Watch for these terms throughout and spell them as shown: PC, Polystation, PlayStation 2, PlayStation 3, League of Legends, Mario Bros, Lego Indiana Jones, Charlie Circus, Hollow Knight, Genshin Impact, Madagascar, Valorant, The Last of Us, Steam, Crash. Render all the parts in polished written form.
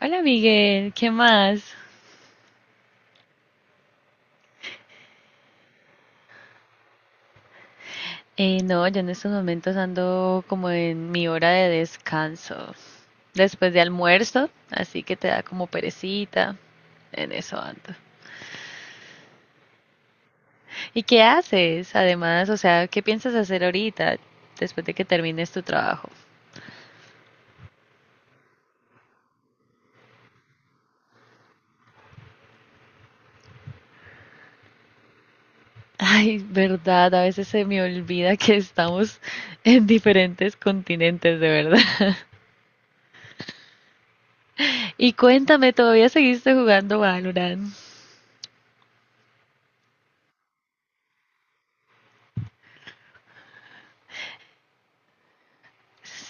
Hola Miguel, ¿qué más? No, yo en estos momentos ando como en mi hora de descanso, después de almuerzo, así que te da como perecita, en eso ando. ¿Y qué haces? Además, o sea, ¿qué piensas hacer ahorita, después de que termines tu trabajo? Ay, verdad, a veces se me olvida que estamos en diferentes continentes, de verdad. Y cuéntame, ¿todavía seguiste jugando Valorant?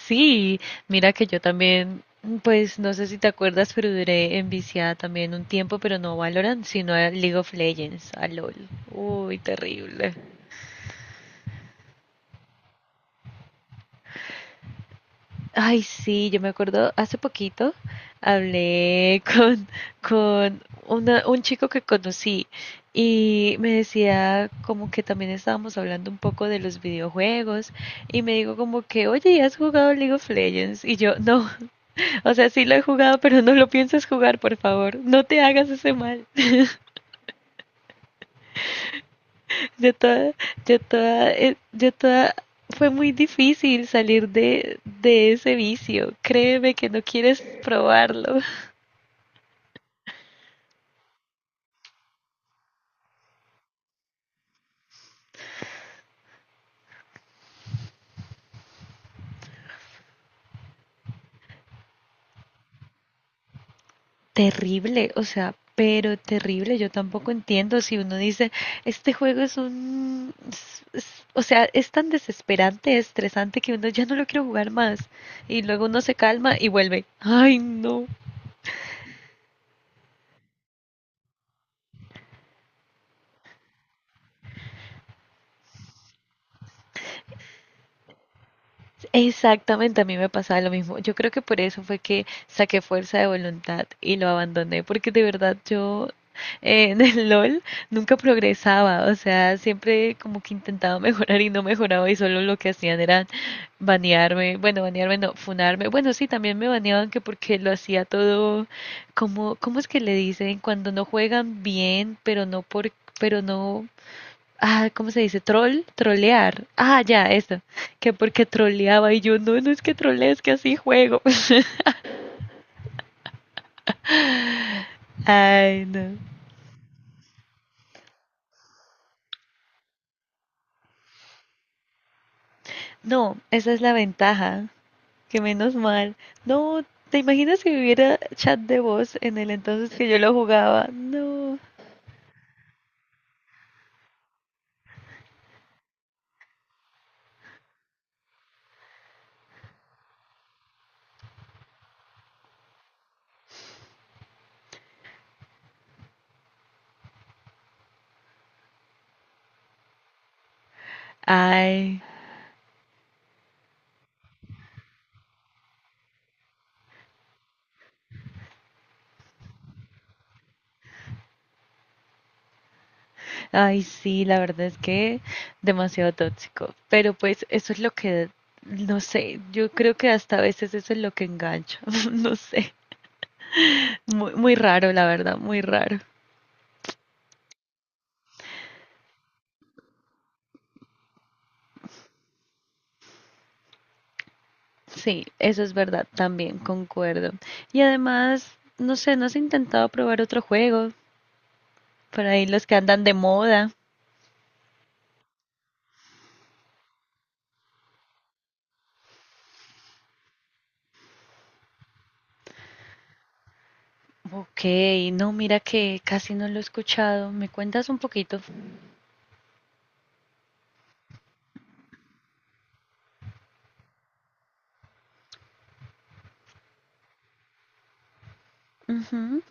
Sí, mira que yo también, pues no sé si te acuerdas, pero duré enviciada también un tiempo, pero no a Valorant, sino a League of Legends, a LOL. Uy, terrible. Ay, sí, yo me acuerdo hace poquito hablé con un chico que conocí y me decía como que también estábamos hablando un poco de los videojuegos y me dijo como que, oye, ¿has jugado League of Legends? Y yo, no, o sea, sí lo he jugado, pero no lo pienses jugar, por favor. No te hagas ese mal. Yo toda, yo toda, fue muy difícil salir de ese vicio. Créeme que no quieres probarlo. Terrible, o sea, pero terrible. Yo tampoco entiendo si uno dice, este juego es un, es- o sea, es tan desesperante, estresante que uno ya no lo quiero jugar más. Y luego uno se calma y vuelve. Ay, no. Exactamente, a mí me pasaba lo mismo. Yo creo que por eso fue que saqué fuerza de voluntad y lo abandoné, porque de verdad yo en el LOL nunca progresaba, o sea, siempre como que intentaba mejorar y no mejoraba y solo lo que hacían era banearme, bueno, banearme no, funarme. Bueno, sí, también me baneaban que porque lo hacía todo como, ¿cómo es que le dicen? Cuando no juegan bien, pero no por, pero no ah, ¿cómo se dice? Troll, trolear. Ah, ya, eso. Que porque troleaba y yo, no, no es que trolee, es que así juego. Ay, no. No, esa es la ventaja, que menos mal. No, ¿te imaginas si hubiera chat de voz en el entonces que yo lo jugaba? No. Ay, ay, sí, la verdad es que demasiado tóxico. Pero pues eso es lo que, no sé, yo creo que hasta a veces eso es lo que engancha. No sé. Muy, muy raro, la verdad, muy raro. Sí, eso es verdad, también concuerdo. Y además, no sé, ¿no has intentado probar otro juego? Por ahí los que andan de moda. Ok, no, mira que casi no lo he escuchado. ¿Me cuentas un poquito? Ujú.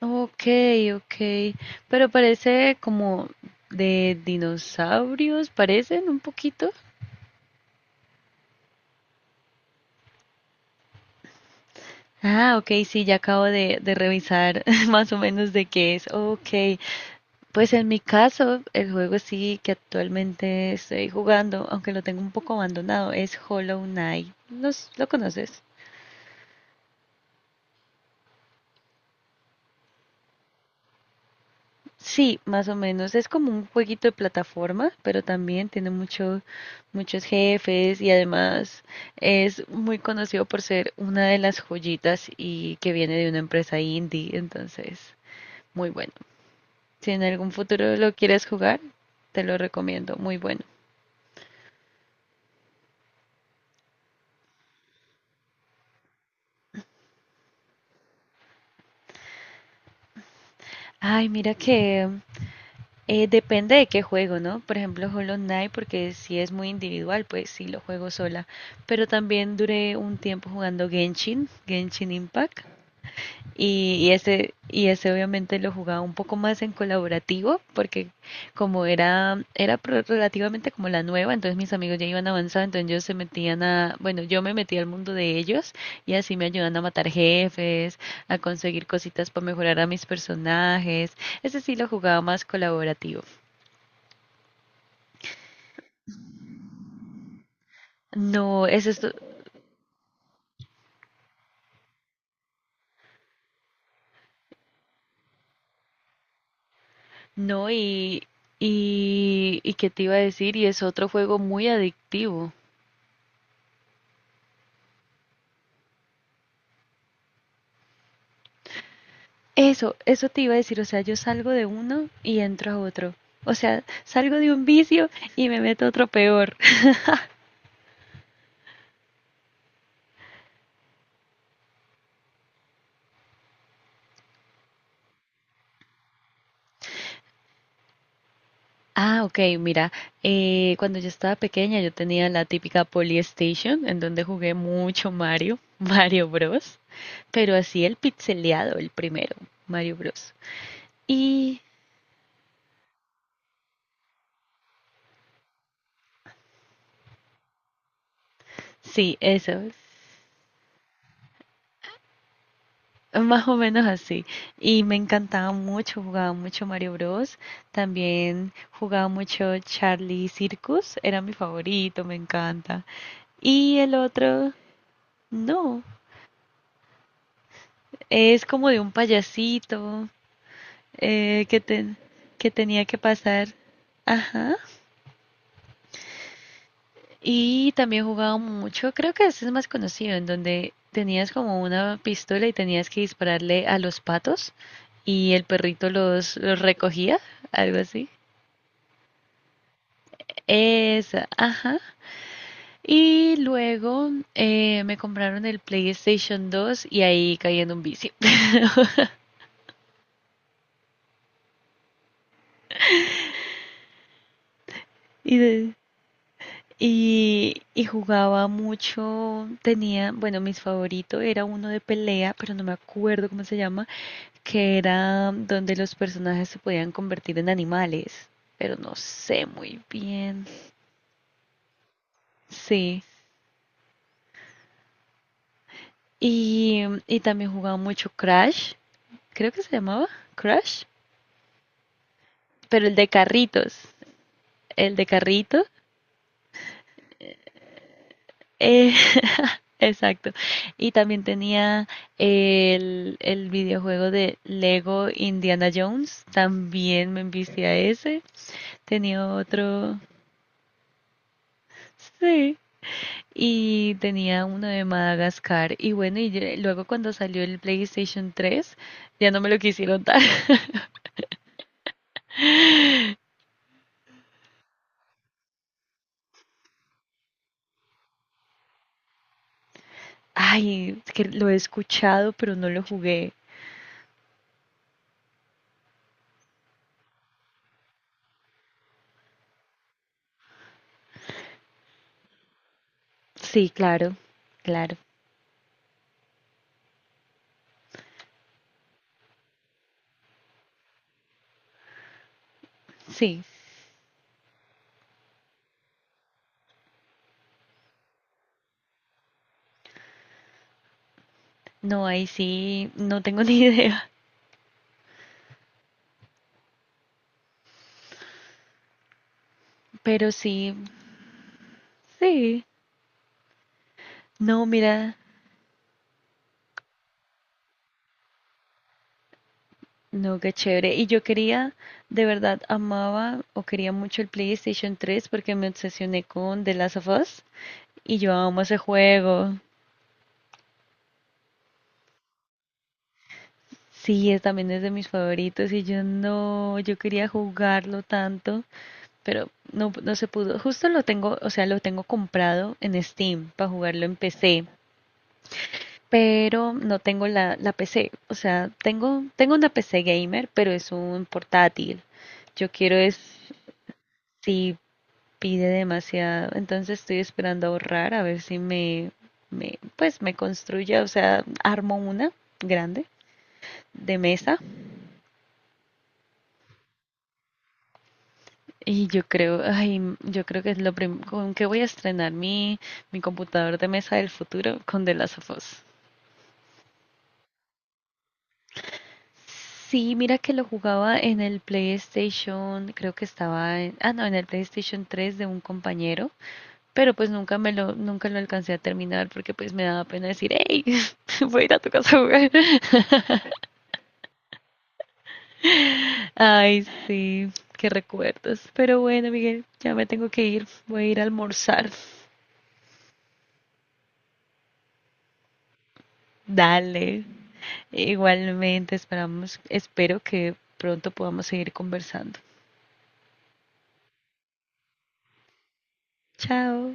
Ok, ok. Pero parece como de dinosaurios, parecen un poquito. Ah, ok, sí, ya acabo de revisar más o menos de qué es. Ok, pues en mi caso, el juego sí que actualmente estoy jugando, aunque lo tengo un poco abandonado, es Hollow Knight. ¿Lo conoces? Sí, más o menos. Es como un jueguito de plataforma, pero también tiene muchos jefes y además es muy conocido por ser una de las joyitas y que viene de una empresa indie, entonces, muy bueno. Si en algún futuro lo quieres jugar, te lo recomiendo, muy bueno. Ay, mira que depende de qué juego, ¿no? Por ejemplo, Hollow Knight, porque si es muy individual, pues sí lo juego sola. Pero también duré un tiempo jugando Genshin, Genshin Impact. Y ese obviamente lo jugaba un poco más en colaborativo, porque era relativamente como la nueva, entonces mis amigos ya iban avanzando, entonces ellos se metían a, bueno, yo me metí al mundo de ellos y así me ayudan a matar jefes, a conseguir cositas para mejorar a mis personajes. Ese sí lo jugaba más colaborativo. No, ese es no, y qué te iba a decir, y es otro juego muy adictivo. Eso te iba a decir, o sea, yo salgo de uno y entro a otro. O sea, salgo de un vicio y me meto a otro peor. Ah, ok, mira, cuando yo estaba pequeña yo tenía la típica Polystation en donde jugué mucho Mario, Mario Bros, pero así el pixeleado, el primero, Mario Bros. Y sí, eso, más o menos así. Y me encantaba mucho, jugaba mucho Mario Bros. También jugaba mucho Charlie Circus, era mi favorito, me encanta. Y el otro, no, es como de un payasito eh, que, ten- que tenía que pasar. Ajá. Y también jugaba mucho, creo que ese es más conocido, en donde tenías como una pistola y tenías que dispararle a los patos y el perrito los recogía, algo así. Esa, ajá. Y luego me compraron el PlayStation 2 y ahí caí en un vicio. Y, de- y jugaba mucho, tenía, bueno, mis favoritos era uno de pelea, pero no me acuerdo cómo se llama, que era donde los personajes se podían convertir en animales, pero no sé muy bien. Sí. Y, y también jugaba mucho Crash, creo que se llamaba Crash, pero el de carritos. El de carrito. Eh, exacto. Y también tenía el videojuego de Lego Indiana Jones. También me envicié a ese. Tenía otro. Sí. Y tenía uno de Madagascar. Y bueno, luego cuando salió el PlayStation 3, ya no me lo quisieron dar. Ay, es que lo he escuchado, pero no lo jugué. Sí, claro, claro. Sí. No, ahí sí, no tengo ni idea. Pero sí, sí. No, mira, no, qué chévere. Y yo quería, de verdad, amaba o quería mucho el PlayStation 3 porque me obsesioné con The Last of Us y yo amo ese juego. Sí, es, también es de mis favoritos y yo no, yo quería jugarlo tanto, pero no, no se pudo. Justo lo tengo, o sea, lo tengo comprado en Steam para jugarlo en PC, pero no tengo la PC. O sea, tengo una PC gamer, pero es un portátil. Yo quiero es, si pide demasiado, entonces estoy esperando ahorrar a ver si me, me pues me construya, o sea, armo una grande de mesa y yo creo, ay, yo creo que es lo primero con que voy a estrenar mi, mi computador de mesa del futuro con The Last of Us. Sí, mira que lo jugaba en el PlayStation, creo que estaba en, ah no, en el PlayStation 3 de un compañero, pero pues nunca me lo, nunca lo alcancé a terminar porque pues me daba pena decir, hey, voy a ir a tu casa a jugar. Ay, sí, qué recuerdos. Pero bueno, Miguel, ya me tengo que ir, voy a ir a almorzar. Dale. Igualmente, esperamos, espero que pronto podamos seguir conversando. Chao.